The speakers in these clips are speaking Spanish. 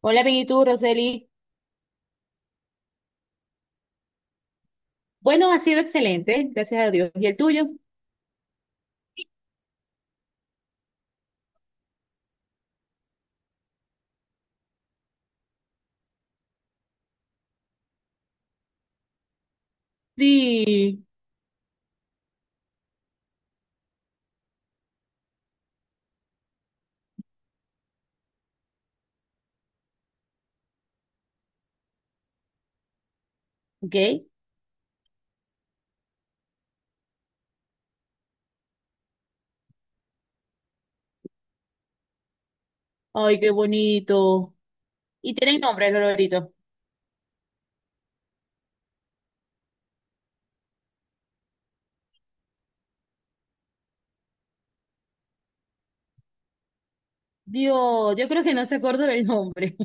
Hola, bien, ¿y tú, Roseli? Bueno, ha sido excelente, gracias a Dios. ¿Y el tuyo? Sí. Ok. Ay, qué bonito. ¿Y tienen nombre, los loritos? Dios, yo creo que no se acuerda del nombre.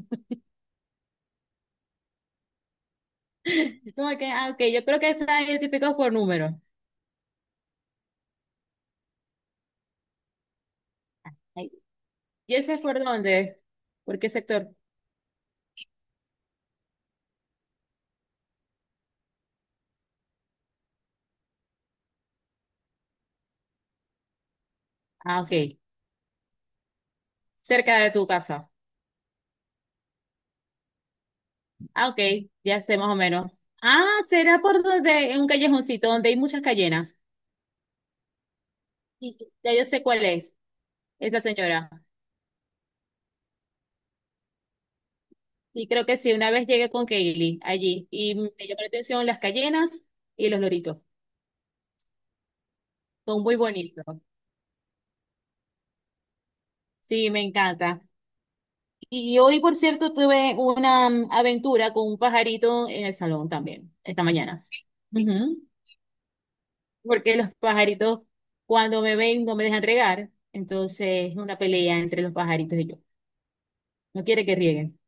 Como que, ah, ok, yo creo que están identificados por número. Ay, ¿y ese es por dónde? ¿Por qué sector? Ah, ok. Cerca de tu casa. Ah, ok, ya sé más o menos. Ah, será por donde, en un callejoncito donde hay muchas callenas. Y- Ya yo sé cuál es, esa señora. Y creo que sí, una vez llegué con Kaylee allí y me llamó la atención las cayenas y los loritos. Son muy bonitos. Sí, me encanta. Y hoy, por cierto, tuve una aventura con un pajarito en el salón también, esta mañana. Ujú. Porque los pajaritos, cuando me ven, no me dejan regar. Entonces, es una pelea entre los pajaritos y yo. No quiere que rieguen.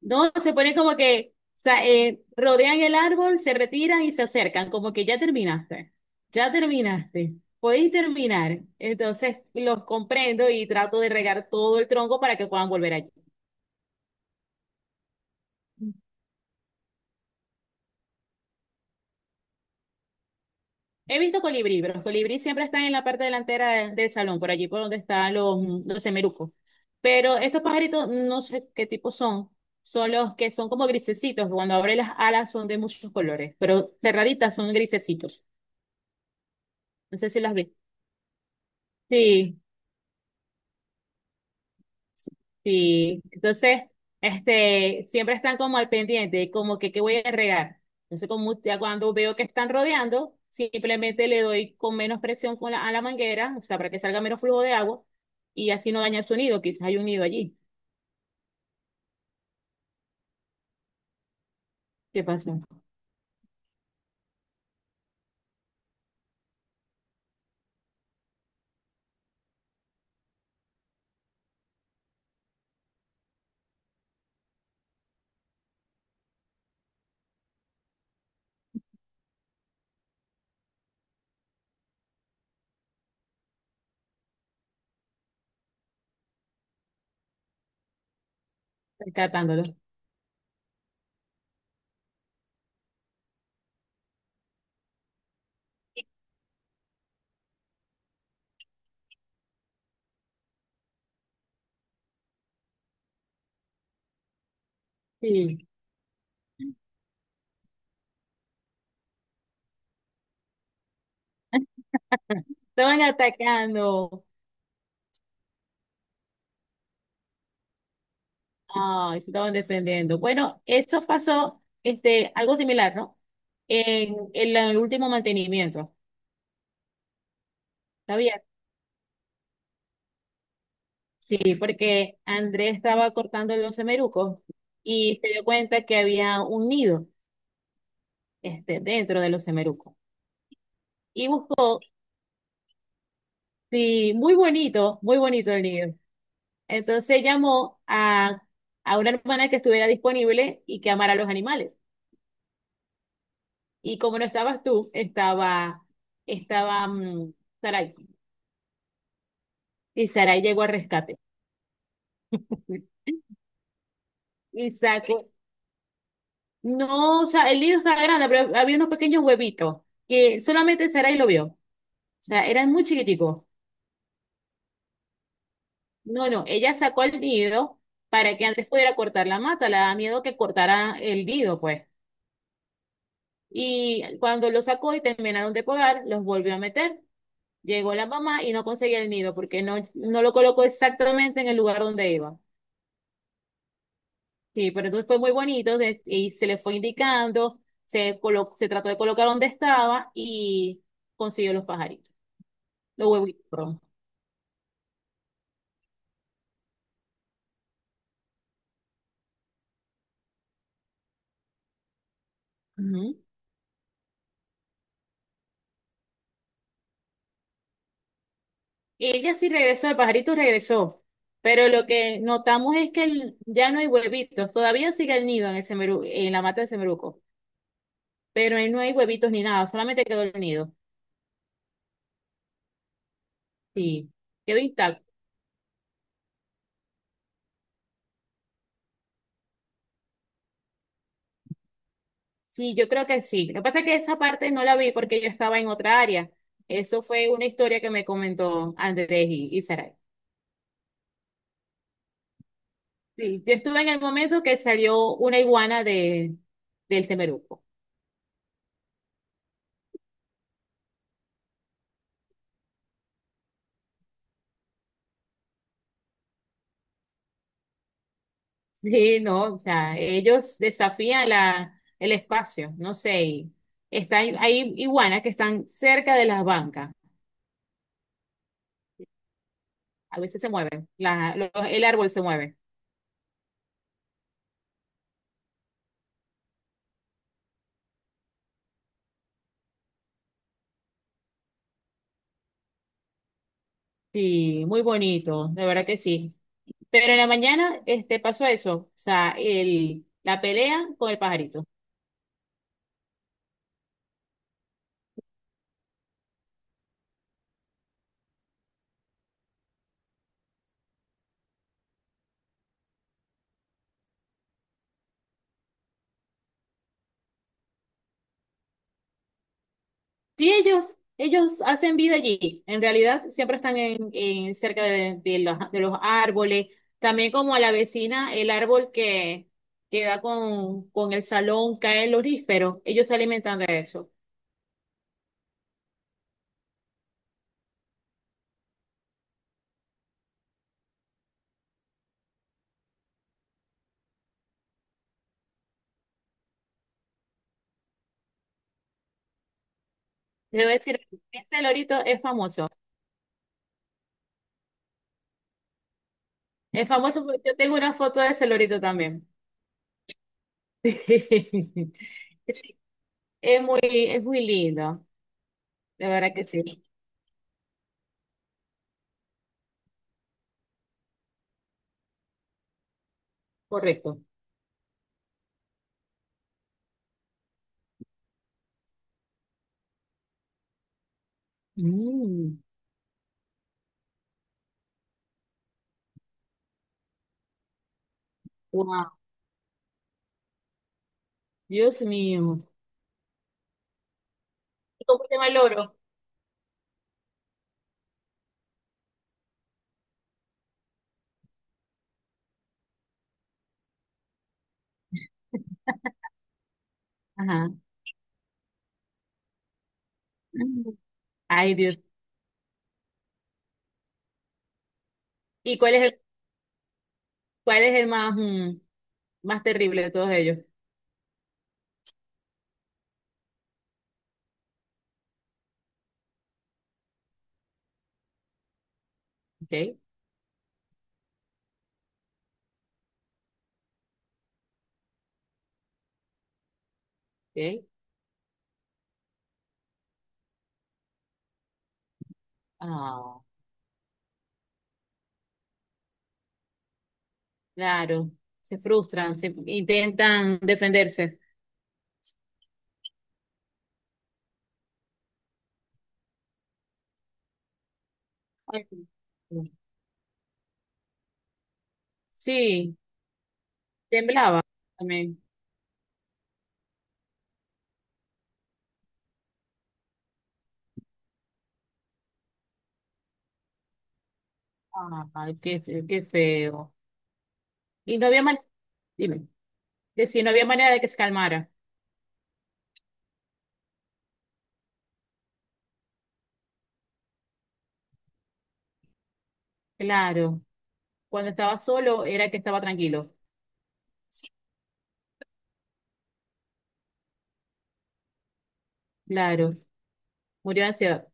No, se pone como que rodean el árbol, se retiran y se acercan, como que ya terminaste, podéis terminar. Entonces los comprendo y trato de regar todo el tronco para que puedan volver allí. He visto colibrí, pero los colibrí siempre están en la parte delantera del salón, por allí por donde están los semerucos. Pero estos pajaritos, no sé qué tipo son. Son los que son como grisecitos, que cuando abren las alas son de muchos colores, pero cerraditas son grisecitos. No sé si las vi. Sí. Sí, entonces, este, siempre están como al pendiente, como que qué voy a regar. Entonces, como ya cuando veo que están rodeando, simplemente le doy con menos presión con a la manguera, o sea, para que salga menos flujo de agua y así no daña el nido, quizás hay un nido allí. ¿Qué pasa? Rescatándolo. Sí. Estaban atacando. Ay, se estaban defendiendo. Bueno, eso pasó, algo similar, ¿no? En el último mantenimiento. ¿Sabía? Sí, porque Andrés estaba cortando los semerucos y se dio cuenta que había un nido dentro de los semerucos. Y buscó, sí, muy bonito el nido. Entonces llamó a una hermana que estuviera disponible y que amara a los animales. Y como no estabas tú, estaba, estaba mm, Sarai. Y Sarai llegó al rescate. Y sacó, no, o sea, el nido estaba grande, pero había unos pequeños huevitos que solamente Sarai lo vio. Sea, eran muy chiquiticos. No, no, ella sacó el nido para que antes pudiera cortar la mata, le daba miedo que cortara el nido, pues. Y cuando lo sacó y terminaron de podar, los volvió a meter. Llegó la mamá y no conseguía el nido porque no lo colocó exactamente en el lugar donde iba. Sí, pero entonces fue muy bonito y se le fue indicando, se trató de colocar donde estaba y consiguió los pajaritos, los huevitos. Perdón. Ella sí regresó, el pajarito regresó, pero lo que notamos es que ya no hay huevitos, todavía sigue el nido en la mata del semeruco, pero ahí no hay huevitos ni nada, solamente quedó el nido. Sí, quedó intacto. Sí, yo creo que sí. Lo que pasa es que esa parte no la vi porque yo estaba en otra área. Eso fue una historia que me comentó Andrés y Saray. Sí, yo estuve en el momento que salió una iguana del semeruco. Sí, no, o sea, ellos desafían el espacio, no sé, y hay iguanas que están cerca de las bancas, a veces se mueven, el árbol se mueve. Sí, muy bonito, de verdad que sí. Pero en la mañana pasó eso, o sea, la pelea con el pajarito. Sí, ellos hacen vida allí. En realidad siempre están en cerca de los árboles. También como a la vecina, el árbol que da con el salón cae el lorífero. Ellos se alimentan de eso. Debo decir, este lorito es famoso. Es famoso porque yo tengo una foto de ese lorito también. Sí, es muy lindo. De verdad que sí. Correcto. Mm, wow, Dios mío. ¿Y cómo se llama el loro? Ajá. Ay, Dios. ¿Y cuál es el más terrible de todos ellos? Ok, ok. Ah, claro. Se frustran, se intentan defenderse. Ay, sí, temblaba también. Ay, qué feo. Y no había manera, dime, que si no había manera de que se calmara. Claro. Cuando estaba solo era que estaba tranquilo. Claro. Murió de ansiedad.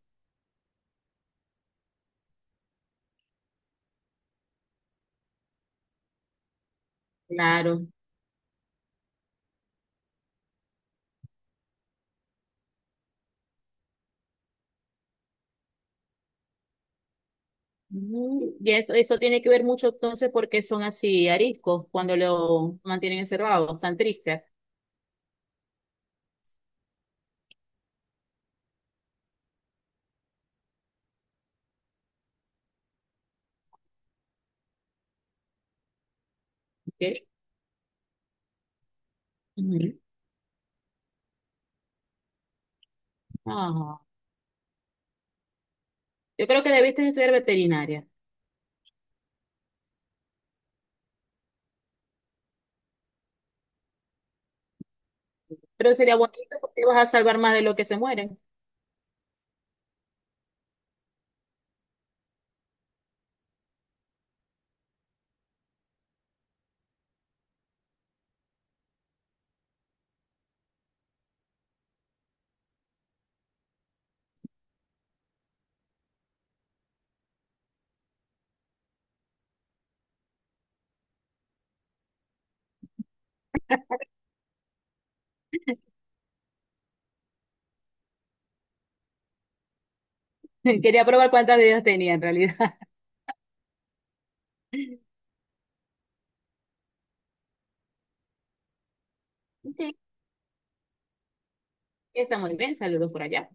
Claro. Y eso tiene que ver mucho entonces porque son así ariscos cuando lo mantienen encerrados, tan tristes. ¿Ok? Ujú. Ah, yo creo que debiste estudiar veterinaria, pero sería bonito porque ibas a salvar más de lo que se mueren. Quería probar cuántas vidas tenía en realidad. Ok, está muy bien, saludos por allá.